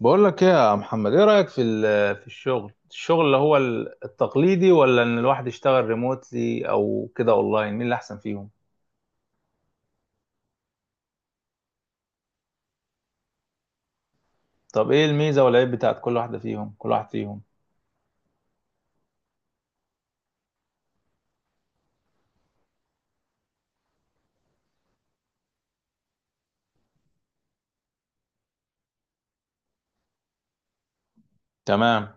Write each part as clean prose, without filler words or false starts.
بقول لك ايه يا محمد؟ ايه رأيك في في الشغل اللي هو التقليدي، ولا ان الواحد يشتغل ريموتلي او كده اونلاين؟ مين اللي احسن فيهم؟ طب ايه الميزة والعيب بتاعت كل واحد فيهم؟ تمام،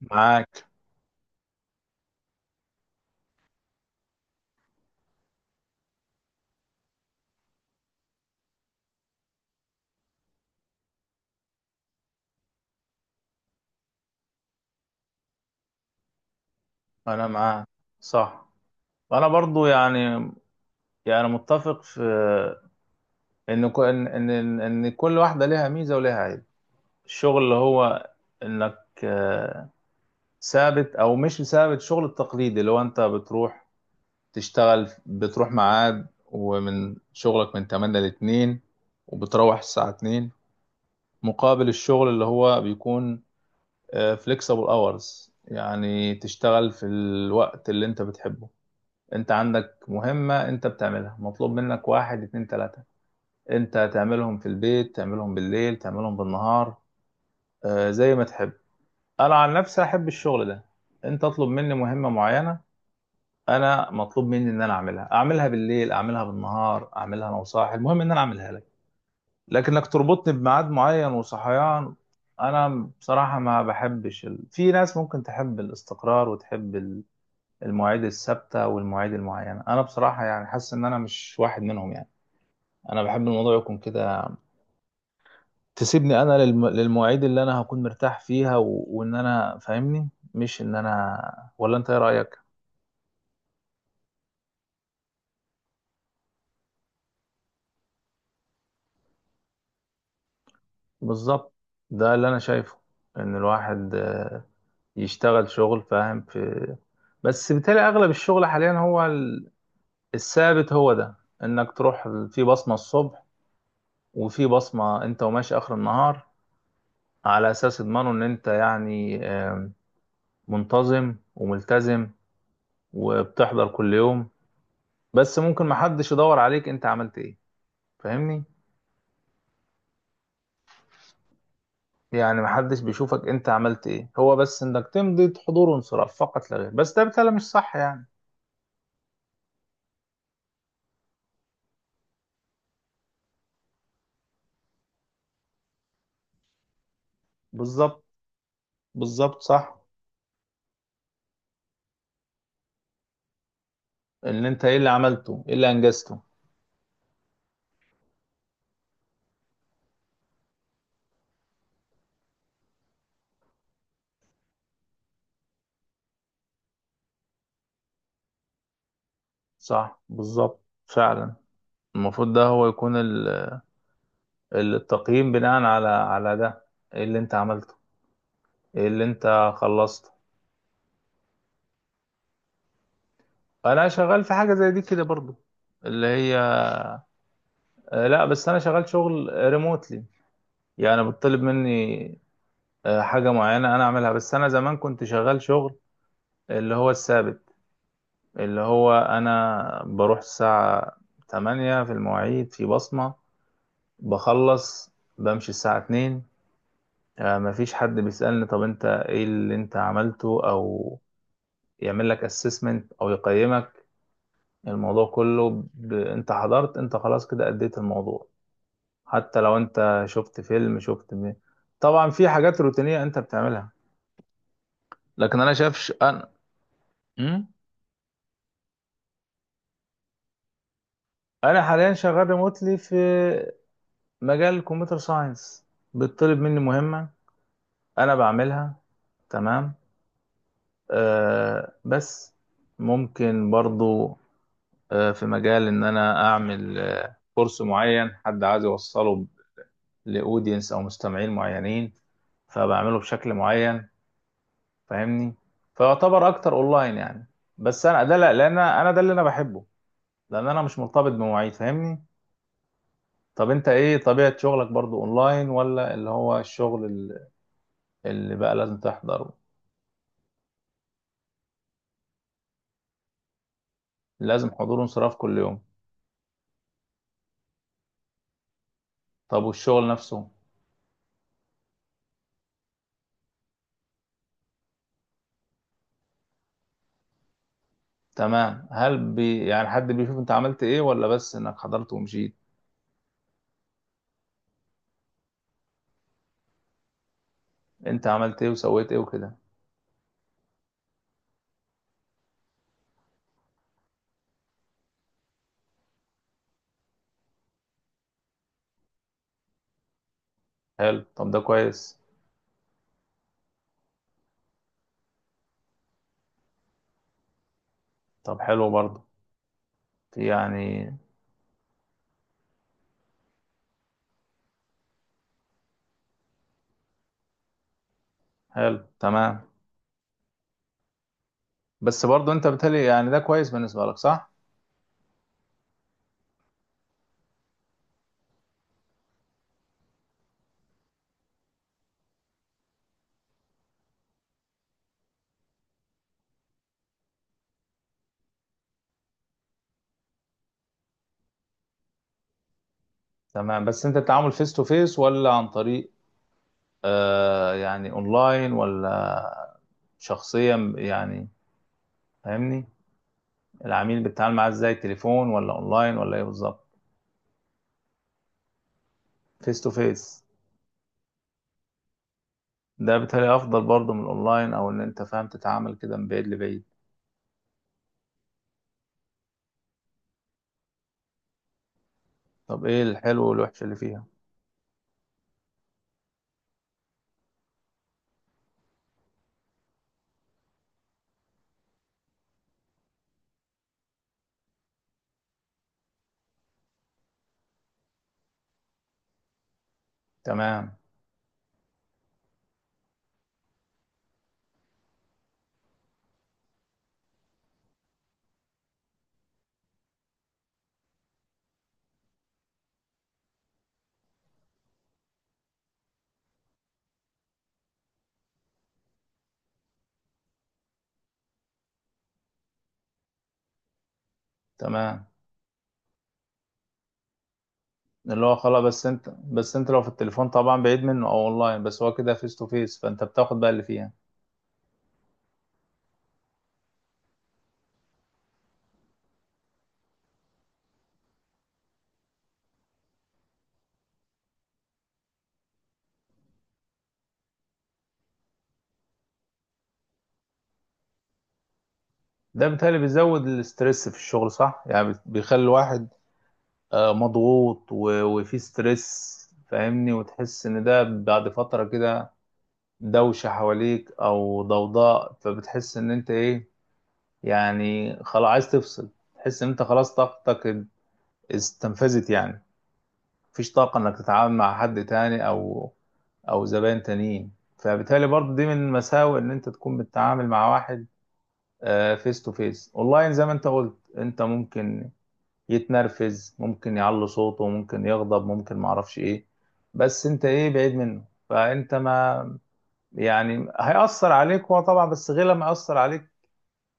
معاك. انا معاك، صح. انا برضو يعني متفق في ان ك- ان ان ان إن كل واحدة ليها ميزة وليها عيب. الشغل اللي هو انك ثابت او مش ثابت، الشغل التقليدي اللي هو انت بتروح تشتغل، بتروح ميعاد ومن شغلك من 8 ل 2، وبتروح الساعة 2. مقابل الشغل اللي هو بيكون فليكسبل اورز، يعني تشتغل في الوقت اللي انت بتحبه، انت عندك مهمة انت بتعملها، مطلوب منك واحد اتنين تلاتة، انت تعملهم في البيت، تعملهم بالليل، تعملهم بالنهار، زي ما تحب. انا عن نفسي احب الشغل ده. انت اطلب مني مهمة معينة، انا مطلوب مني ان انا اعملها، اعملها بالليل، اعملها بالنهار، اعملها انا وصاحي، المهم ان انا اعملها لك. لكنك تربطني بميعاد معين وصحيان، انا بصراحة ما بحبش ال... في ناس ممكن تحب الاستقرار وتحب المواعيد الثابتة والمواعيد المعينة، انا بصراحة يعني حاسس ان انا مش واحد منهم يعني. انا بحب الموضوع يكون كده، تسيبني انا للمواعيد اللي انا هكون مرتاح فيها، وان انا فاهمني، مش ان انا. ولا انت ايه رأيك؟ بالظبط، ده اللي انا شايفه، ان الواحد يشتغل شغل فاهم في. بس بالتالي اغلب الشغل حاليا هو الثابت، هو ده، انك تروح في بصمة الصبح وفي بصمة انت وماشي اخر النهار، على اساس يضمنوا ان انت يعني منتظم وملتزم وبتحضر كل يوم. بس ممكن محدش يدور عليك انت عملت ايه، فاهمني. يعني محدش بيشوفك انت عملت ايه، هو بس انك تمضي حضور وانصراف فقط لا غير، بس ده بالتالي مش صح يعني. بالظبط. بالظبط، صح. ان انت ايه اللي عملته، ايه اللي انجزته. صح، بالظبط، فعلا. المفروض ده هو يكون التقييم بناء على على ده، ايه اللي انت عملته، ايه اللي انت خلصته. انا شغال في حاجه زي دي كده برضو، اللي هي لا، بس انا شغال شغل ريموتلي. يعني بتطلب مني حاجه معينه انا اعملها. بس انا زمان كنت شغال شغل اللي هو الثابت، اللي هو انا بروح الساعه 8، في المواعيد، في بصمه، بخلص بمشي الساعه 2. مفيش حد بيسألني طب انت ايه اللي انت عملته، او يعمل لك assessment او يقيمك، الموضوع كله انت حضرت، انت خلاص كده اديت الموضوع. حتى لو انت شفت فيلم، شفت طبعا في حاجات روتينية انت بتعملها، لكن انا شافش انا. م? انا حاليا شغال ريموتلي في مجال الكمبيوتر ساينس. بتطلب مني مهمة انا بعملها، تمام. آه بس ممكن برضو في مجال ان انا اعمل كورس معين حد عايز يوصله لاودينس او مستمعين معينين، فبعمله بشكل معين، فاهمني. فيعتبر اكتر اونلاين يعني، بس انا ده لا لان انا ده اللي انا بحبه، لان انا مش مرتبط بمواعيد، فاهمني. طب انت ايه طبيعة شغلك؟ برضو اونلاين ولا اللي هو الشغل اللي بقى لازم تحضره؟ لازم حضور وانصراف كل يوم. طب والشغل نفسه؟ تمام، هل بي يعني حد بيشوف انت عملت ايه، ولا بس انك حضرت ومشيت؟ انت عملت ايه وسويت ايه وكده. حلو، طب ده كويس. طب حلو برضه في يعني. حلو، تمام. بس برضه انت بتهيألي يعني ده كويس بالنسبة لك، صح؟ تمام، بس انت التعامل فيس تو فيس ولا عن طريق يعني اونلاين، ولا شخصيا يعني، فاهمني؟ العميل بتتعامل معاه ازاي، تليفون ولا اونلاين ولا ايه بالظبط؟ فيس تو فيس؟ ده بيتهيألي افضل برضه من الاونلاين، او ان انت فاهم تتعامل كده من بعيد لبعيد. طب ايه الحلو والوحش اللي فيها؟ تمام. تمام، اللي هو خلاص. بس انت لو في التليفون طبعا بعيد منه، او اونلاين. بس هو كده فيس تو فيس، فانت بتاخد بقى اللي فيها، ده بالتالي بيزود الاسترس في الشغل، صح؟ يعني بيخلي الواحد مضغوط وفي ستريس، فاهمني. وتحس ان ده بعد فترة كده، دوشة حواليك او ضوضاء، فبتحس ان انت ايه، يعني خلاص عايز تفصل، تحس ان انت خلاص طاقتك استنفذت يعني، مفيش طاقة انك تتعامل مع حد تاني او او زبائن تانيين، فبالتالي برضه دي من مساوئ ان انت تكون بتتعامل مع واحد فيس تو فيس. اونلاين زي ما انت قلت، انت ممكن يتنرفز، ممكن يعلي صوته، ممكن يغضب، ممكن معرفش ايه، بس انت ايه، بعيد منه، فانت ما يعني هيأثر عليك هو طبعا، بس غير لما يأثر عليك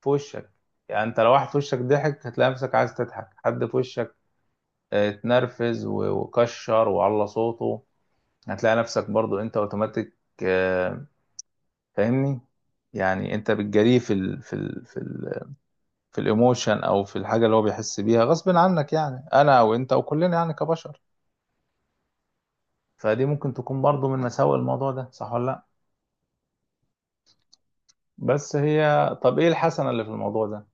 في وشك. يعني انت لو واحد في وشك ضحك، هتلاقي نفسك عايز تضحك. حد في وشك اه، اتنرفز وكشر وعلى صوته، هتلاقي نفسك برضو انت اوتوماتيك، آه، فاهمني. يعني انت بتجريه في الايموشن، او في الحاجه اللي هو بيحس بيها غصب عنك، يعني انا او انت او كلنا يعني كبشر، فدي ممكن تكون برضو من مساوئ الموضوع ده، صح ولا لا؟ بس هي طب ايه الحسنه اللي في الموضوع ده؟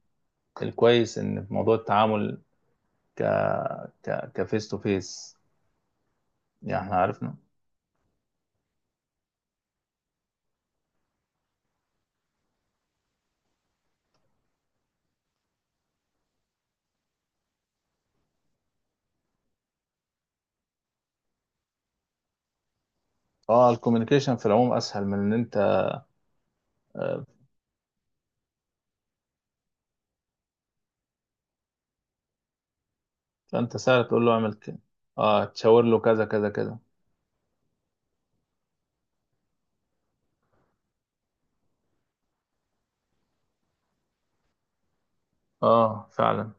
الكويس ان في موضوع التعامل ك كفيس تو فيس، يعني احنا عرفنا. اه الكوميونيكيشن في العموم اسهل من ان انت آه، فانت سهل تقول له اعمل كده. اه تشاور له كذا كذا كذا. اه فعلا.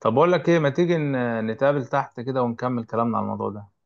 طب بقول لك ايه، ما تيجي نتقابل تحت كده ونكمل كلامنا على الموضوع ده؟